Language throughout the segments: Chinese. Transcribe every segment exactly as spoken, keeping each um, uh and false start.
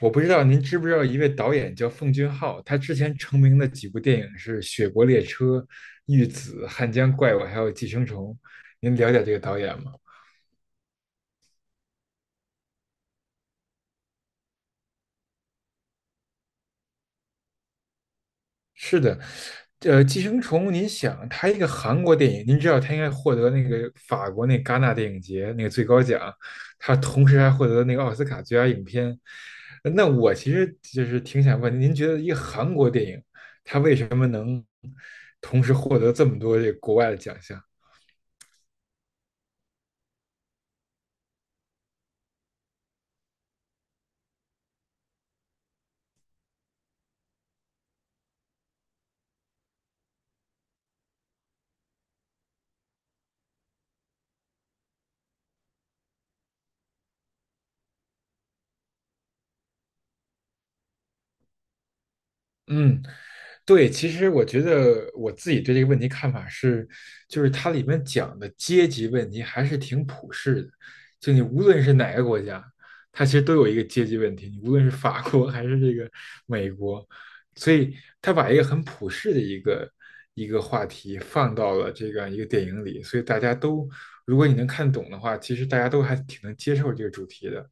我不知道您知不知道一位导演叫奉俊昊，他之前成名的几部电影是《雪国列车》《玉子》《汉江怪物》还有《寄生虫》。您了解这个导演吗？是的。呃，《寄生虫》，您想，他一个韩国电影，您知道他应该获得那个法国那戛纳电影节那个最高奖，他同时还获得那个奥斯卡最佳影片。呃那我其实就是挺想问您，您觉得一个韩国电影，他为什么能同时获得这么多这个国外的奖项？嗯，对，其实我觉得我自己对这个问题看法是，就是它里面讲的阶级问题还是挺普世的，就你无论是哪个国家，它其实都有一个阶级问题，你无论是法国 还是这个美国，所以他把一个很普世的一个一个话题放到了这样一个电影里，所以大家都，如果你能看懂的话，其实大家都还挺能接受这个主题的。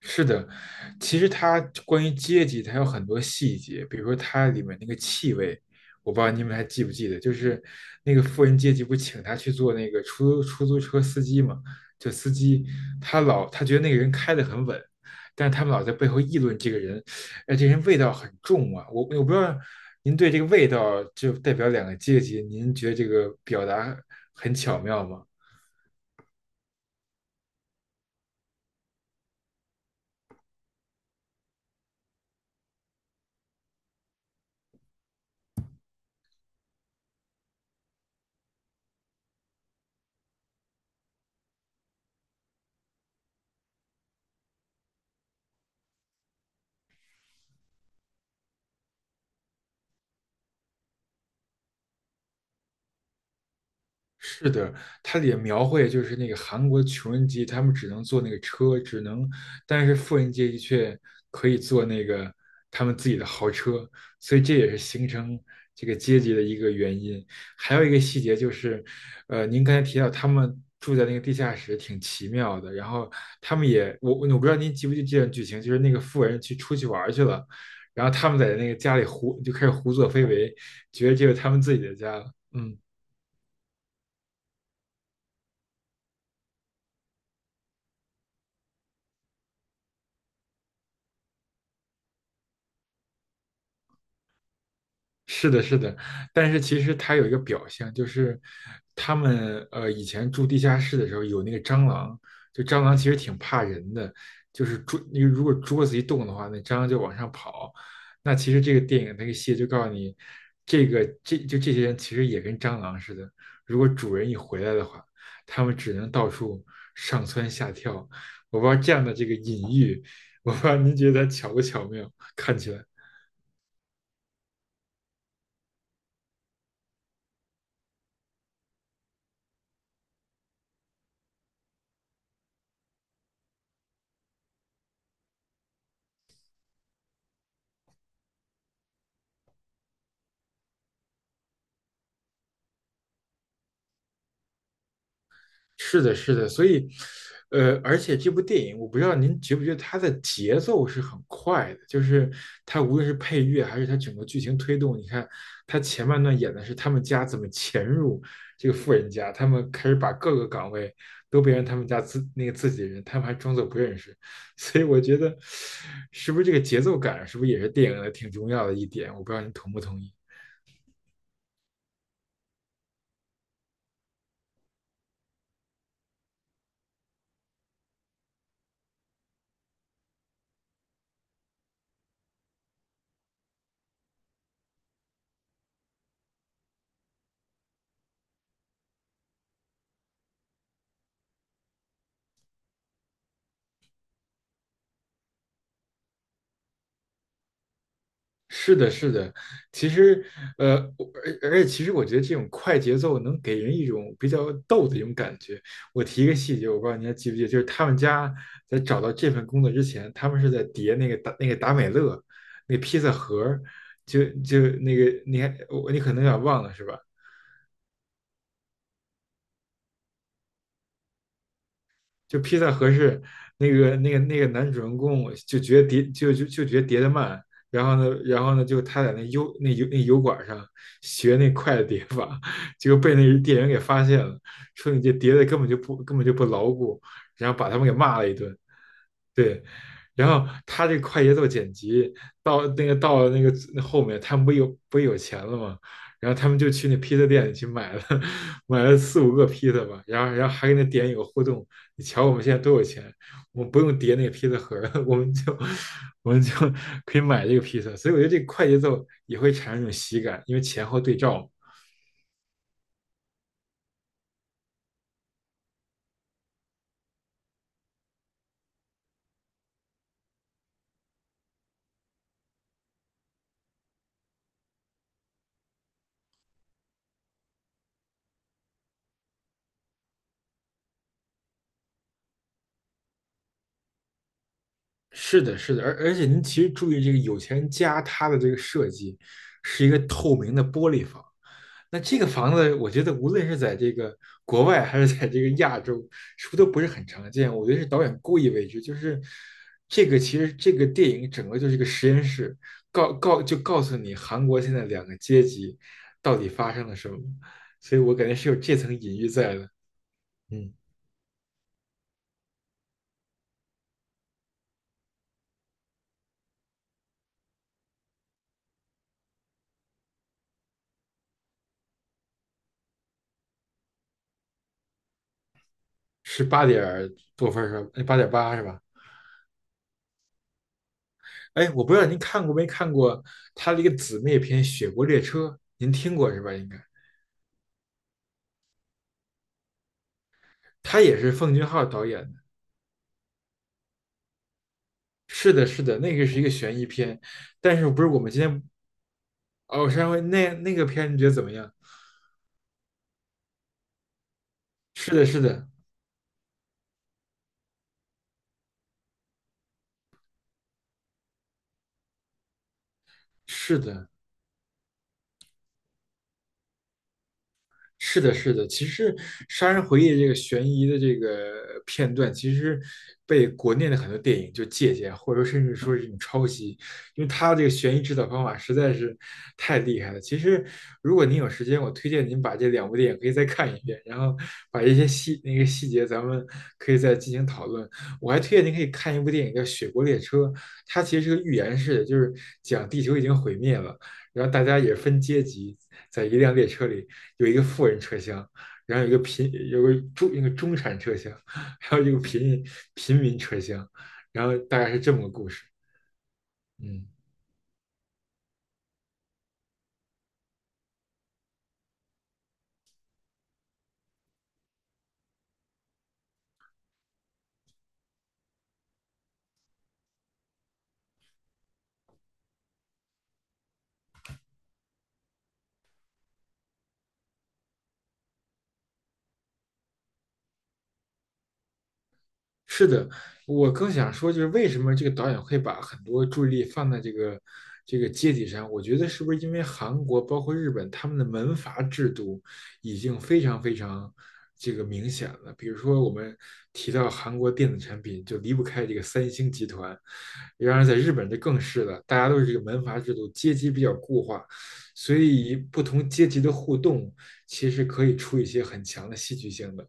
是的，其实它关于阶级，它有很多细节，比如说它里面那个气味，我不知道你们还记不记得，就是那个富人阶级不请他去做那个出租出租车司机嘛，就司机他老他觉得那个人开的很稳，但是他们老在背后议论这个人，哎，这人味道很重啊，我我不知道您对这个味道就代表两个阶级，您觉得这个表达很巧妙吗？是的，它也描绘就是那个韩国穷人阶级，他们只能坐那个车，只能，但是富人阶级却可以坐那个他们自己的豪车，所以这也是形成这个阶级的一个原因。还有一个细节就是，呃，您刚才提到他们住在那个地下室挺奇妙的，然后他们也，我我不知道您记不记得这段剧情，就是那个富人去出去玩儿去了，然后他们在那个家里胡就开始胡作非为，觉得这是他们自己的家了。嗯。是的，是的，但是其实它有一个表象，就是他们呃以前住地下室的时候有那个蟑螂，就蟑螂其实挺怕人的，就是桌那个如果桌子一动的话，那蟑螂就往上跑。那其实这个电影那个戏就告诉你，这个这就这些人其实也跟蟑螂似的，如果主人一回来的话，他们只能到处上蹿下跳。我不知道这样的这个隐喻，我不知道您觉得它巧不巧妙，看起来。是的，是的，所以，呃，而且这部电影，我不知道您觉不觉得它的节奏是很快的，就是它无论是配乐还是它整个剧情推动，你看它前半段演的是他们家怎么潜入这个富人家，他们开始把各个岗位都变成他们家自那个自己人，他们还装作不认识，所以我觉得是不是这个节奏感，是不是也是电影的挺重要的一点？我不知道您同不同意。是的，是的，其实，呃，我而而且其实我觉得这种快节奏能给人一种比较逗的一种感觉。我提一个细节，我不知道你还记不记得，就是他们家在找到这份工作之前，他们是在叠那个达那个达美乐那个披萨盒儿，就就那个你还我你可能有点忘了是吧？就披萨合适，那个那个那个男主人公就觉得叠就就就觉得叠得慢，然后呢，然后呢，就他在那油那油那油管上学那快的叠法，结果被那店员给发现了，说你这叠的根本就不根本就不牢固，然后把他们给骂了一顿。对，然后他这快节奏剪辑到那个到了那个后面，他们不有不有钱了吗？然后他们就去那披萨店里去买了 买了四五个披萨吧，然后然后还跟那店员有互动，你瞧我们现在多有钱，我们不用叠那个披萨盒儿，我们就我们就可以买这个披萨，所以我觉得这个快节奏也会产生一种喜感，因为前后对照嘛。是的，是的，而而且您其实注意这个有钱人家他的这个设计是一个透明的玻璃房，那这个房子我觉得无论是在这个国外还是在这个亚洲，是不是都不是很常见？我觉得是导演故意为之，就是这个其实这个电影整个就是一个实验室，告告就告诉你韩国现在两个阶级到底发生了什么，所以我感觉是有这层隐喻在的。嗯，是八点多分儿是吧？哎八点八是吧？哎，我不知道您看过没看过他的一个姊妹篇《雪国列车》，您听过是吧？应该，他也是奉俊昊导演的。是的，是的，那个是一个悬疑片，但是不是我们今天哦，上回那那个片你觉得怎么样？是的，是的，是的，是的，是的，其实《杀人回忆》这个悬疑的这个片段，其实被国内的很多电影就借鉴，或者说甚至说是一种抄袭，因为它这个悬疑制造方法实在是太厉害了。其实，如果您有时间，我推荐您把这两部电影可以再看一遍，然后把一些细那个细节咱们可以再进行讨论。我还推荐您可以看一部电影叫《雪国列车》，它其实是个寓言式的，就是讲地球已经毁灭了。然后大家也分阶级，在一辆列车里有一个富人车厢，然后有一个贫有个中一个中产车厢，还有一个贫贫民车厢，然后大概是这么个故事。嗯。是的，我更想说，就是为什么这个导演会把很多注意力放在这个这个阶级上？我觉得是不是因为韩国包括日本他们的门阀制度已经非常非常这个明显了？比如说我们提到韩国电子产品，就离不开这个三星集团。然而在日本这更是了，大家都是这个门阀制度，阶级比较固化，所以不同阶级的互动其实可以出一些很强的戏剧性的。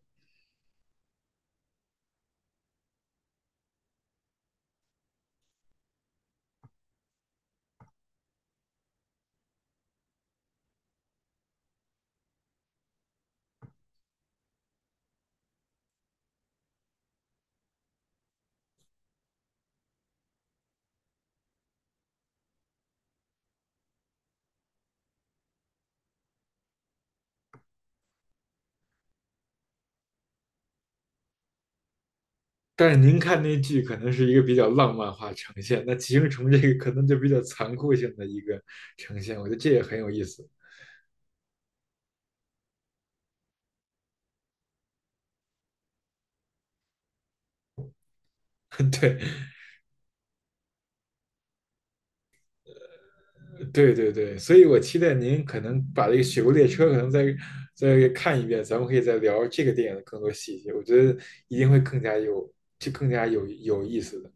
但是您看那剧可能是一个比较浪漫化呈现，那寄生虫这个可能就比较残酷性的一个呈现，我觉得这也很有意思。对，对对对，所以我期待您可能把这个《雪国列车》可能再再看一遍，咱们可以再聊这个电影的更多细节，我觉得一定会更加有，就更加有有意思的。